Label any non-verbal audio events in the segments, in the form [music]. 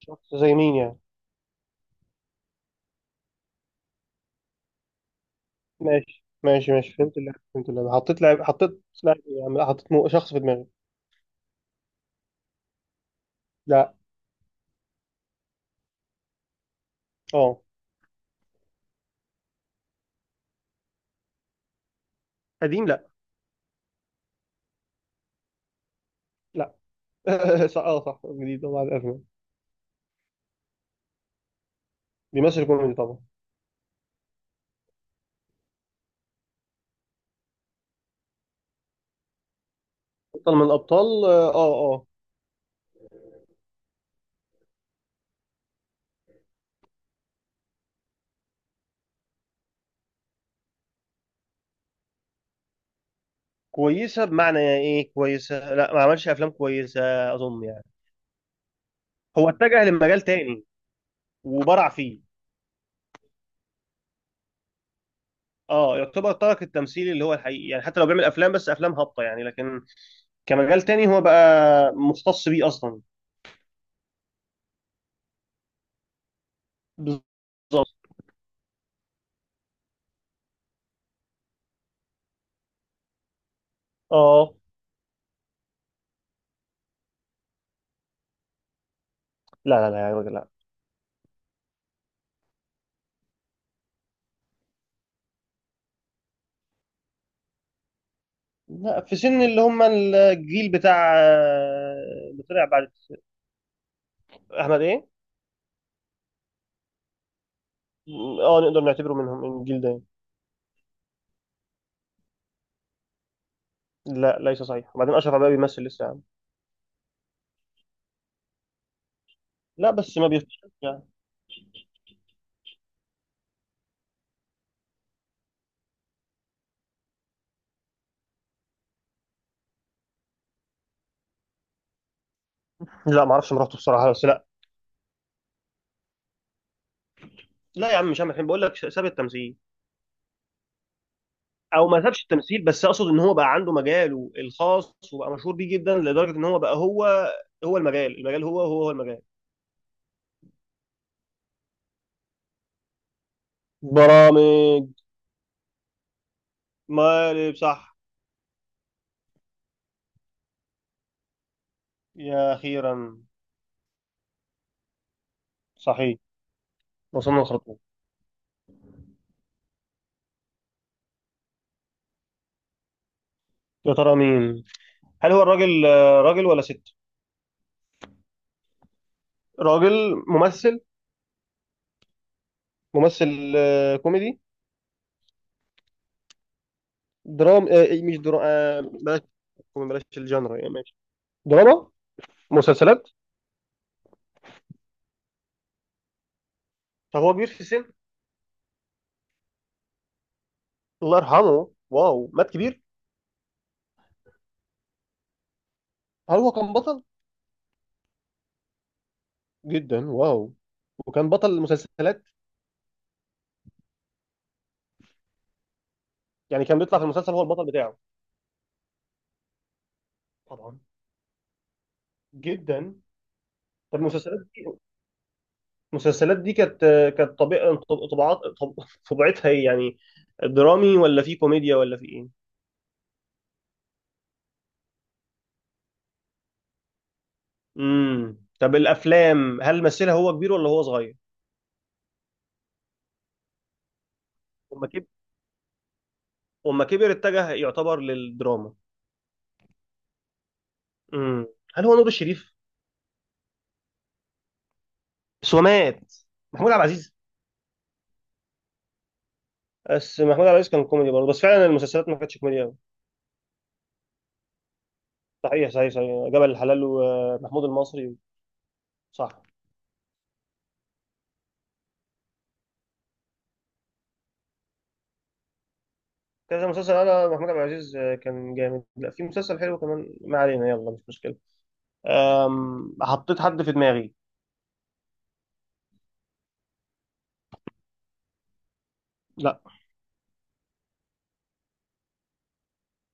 شخص زي مين يعني؟ ماشي ماشي ماشي، فهمت اللعبة فهمت اللعبة. حطيت لاعب إيه؟ يعني حطيت شخص في دماغي. لا. اه. قديم، لا. لا. [laughs] صح، اه صح، جديد طبعا، الأزمة. بيمثل كوميدي طبعا. بطل من الأبطال، اه اه آه. كويسة بمعنى ايه؟ كويسة، لا ما عملش أفلام كويسة أظن يعني. هو اتجه لمجال تاني وبرع فيه. اه يعتبر ترك التمثيل اللي هو الحقيقي يعني، حتى لو بيعمل أفلام بس أفلام هابطة يعني، لكن كمجال تاني هو بقى مختص بيه أصلا. بالظبط. اه. لا لا لا يا راجل لا. لا، في سن اللي هم الجيل بتاع اللي طلع بعد. احمد ايه؟ اه، نقدر نعتبره منهم من الجيل ده. لا ليس صحيح، وبعدين اشرف عباية بيمثل لسه يا عم. لا بس ما بيفتش يعني. لا ما اعرفش مراته بصراحه، بس لا. لا يا عم مش عم الحين بقول لك ساب التمثيل. او ما سابش التمثيل بس اقصد ان هو بقى عنده مجاله الخاص وبقى مشهور بيه جدا لدرجه ان هو بقى هو هو المجال، المجال هو المجال. برامج. مقالب صح. يا اخيرا. صحيح. وصلنا للخطوه. يا ترى مين؟ هل هو الراجل راجل ولا ست؟ راجل ممثل. ممثل كوميدي. درام مش درام بلاش. بلاش الجانرا يعني ماشي. دراما. مسلسلات. طب هو كبير في السن؟ الله يرحمه، واو مات كبير. هل هو كان بطل؟ جدا، واو. وكان بطل المسلسلات. يعني كان بيطلع في المسلسل هو البطل بتاعه. طبعا. جدا. طب المسلسلات دي، المسلسلات دي كانت، كانت طبيعة طبعات طب- طبيعتها ايه يعني؟ درامي ولا في كوميديا ولا في ايه؟ امم، طب الافلام هل مثلها هو كبير ولا هو صغير؟ وما كبر، وما كبر اتجه يعتبر للدراما. امم، هل هو نور الشريف؟ بس هو مات. محمود عبد العزيز. بس محمود عبد العزيز كان كوميدي برضه، بس فعلا المسلسلات ما كانتش كوميدي قوي. صحيح صحيح صحيح، جبل الحلال ومحمود المصري. صح. كذا مسلسل، انا محمود عبد العزيز كان جامد، لا في مسلسل حلو كمان، ما علينا يلا مش مشكله. حطيت حد في دماغي. لا.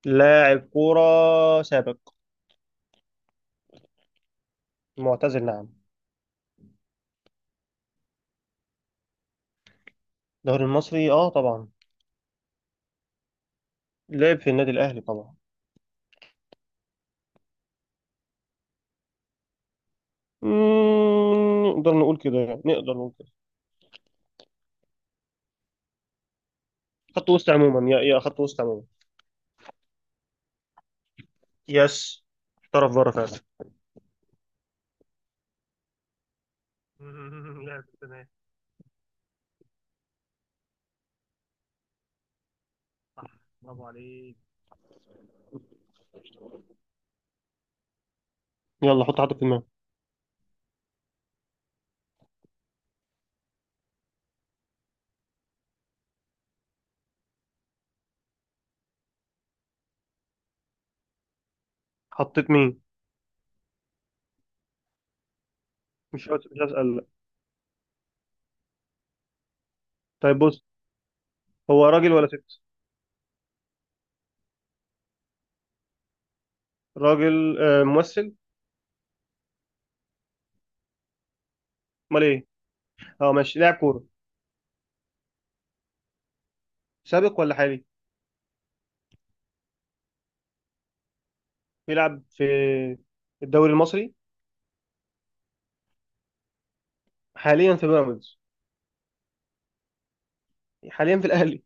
لاعب كوره سابق. معتزل نعم. الدوري المصري، اه طبعا. لعب في النادي الأهلي طبعا. مم، نقدر نقول كده يعني، نقدر نقول كده. خط وسط عموما، يا خط وسط عموما. يس. احترف بره فعلا. [laughs] لعب تمام. صح، برافو عليك. يلا حط حد في دماغك. حطيت مين؟ مش هسأل لا. طيب بص. هو راجل ولا ست؟ راجل ممثل. امال ايه؟ اه ماشي، لاعب كورة. سابق ولا حالي؟ بيلعب في الدوري المصري. حاليا في بيراميدز. حاليا في الأهلي.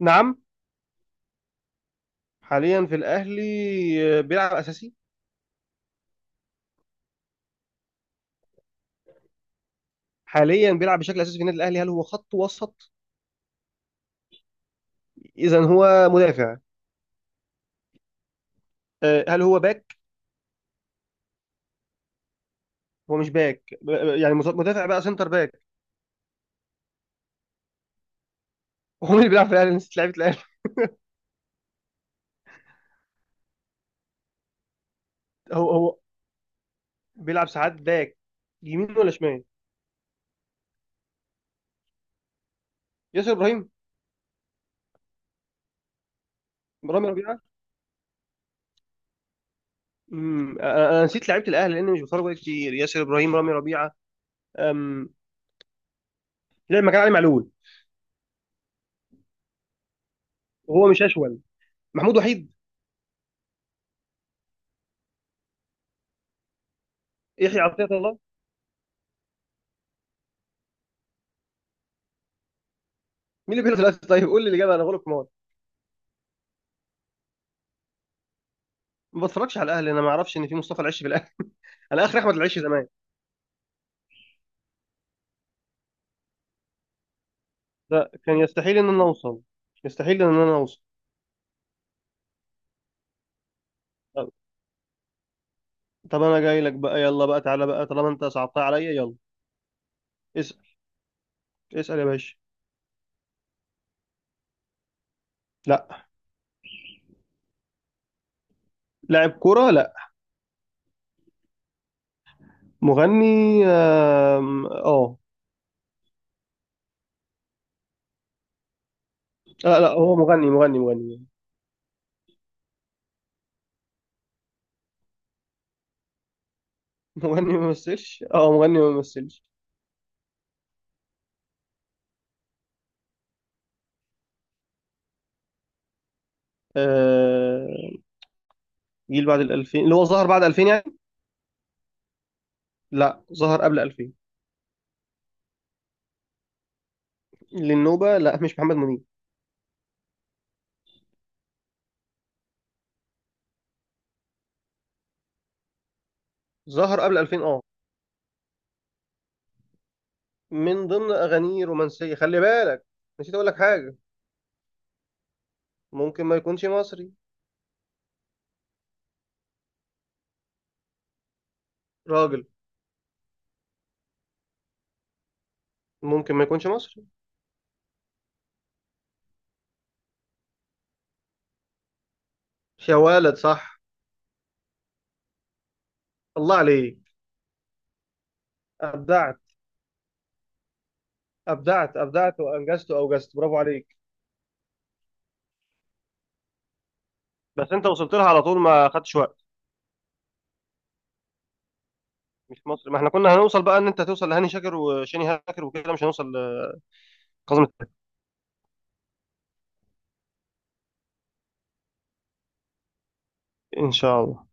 نعم. حاليا في الأهلي بيلعب أساسي. حاليا بيلعب بشكل اساسي في النادي الاهلي. هل هو خط وسط؟ اذا هو مدافع. هل هو باك؟ هو مش باك، يعني مدافع بقى، سنتر باك. [laughs] هو مين اللي بيلعب في الاهلي، نسيت لعيبه الاهلي. هو بيلعب ساعات باك؟ يمين ولا شمال؟ ياسر ابراهيم. رامي ربيعه. امم، أنا نسيت لعيبه الاهلي لان مش بتفرج بقى كتير. ياسر ابراهيم، رامي ربيعه. أم... لعب مكان علي معلول، وهو مش اشول. محمود وحيد. يحيى عطيه الله. مين اللي بيلعب في الاهلي؟ طيب قول لي الاجابه، انا غلط في. ما بتفرجش على الاهلي، انا ما اعرفش ان في مصطفى العش في الاهلي. انا اخر احمد العش زمان. لا كان يستحيل ان انا اوصل. يستحيل ان انا اوصل. طب طب انا جاي لك بقى يلا بقى، تعالى بقى طالما انت صعبتها عليا يلا. اسال، اسال يا باشا. لا. لاعب كوره لا. مغني. اه. لا لا، هو مغني مغني مغني. [laughs] مغني ما مثلش، اه مغني ما مثلش. آه، جيل بعد ال 2000، اللي هو ظهر بعد 2000 يعني. لا ظهر قبل 2000. للنوبه لا، مش محمد منير. ظهر قبل 2000 اه. من ضمن اغانيه رومانسيه خلي بالك. نسيت اقول لك حاجه. ممكن ما يكونش مصري. راجل. ممكن ما يكونش مصري. يا ولد صح. الله عليك. ابدعت، ابدعت ابدعت وانجزت واوجزت برافو عليك. بس انت وصلت لها على طول ما خدتش وقت. مش مصري. ما احنا كنا هنوصل بقى ان انت توصل لهاني شاكر وشيني هاكر وكده، مش هنوصل لكاظم الساهر. ان شاء الله.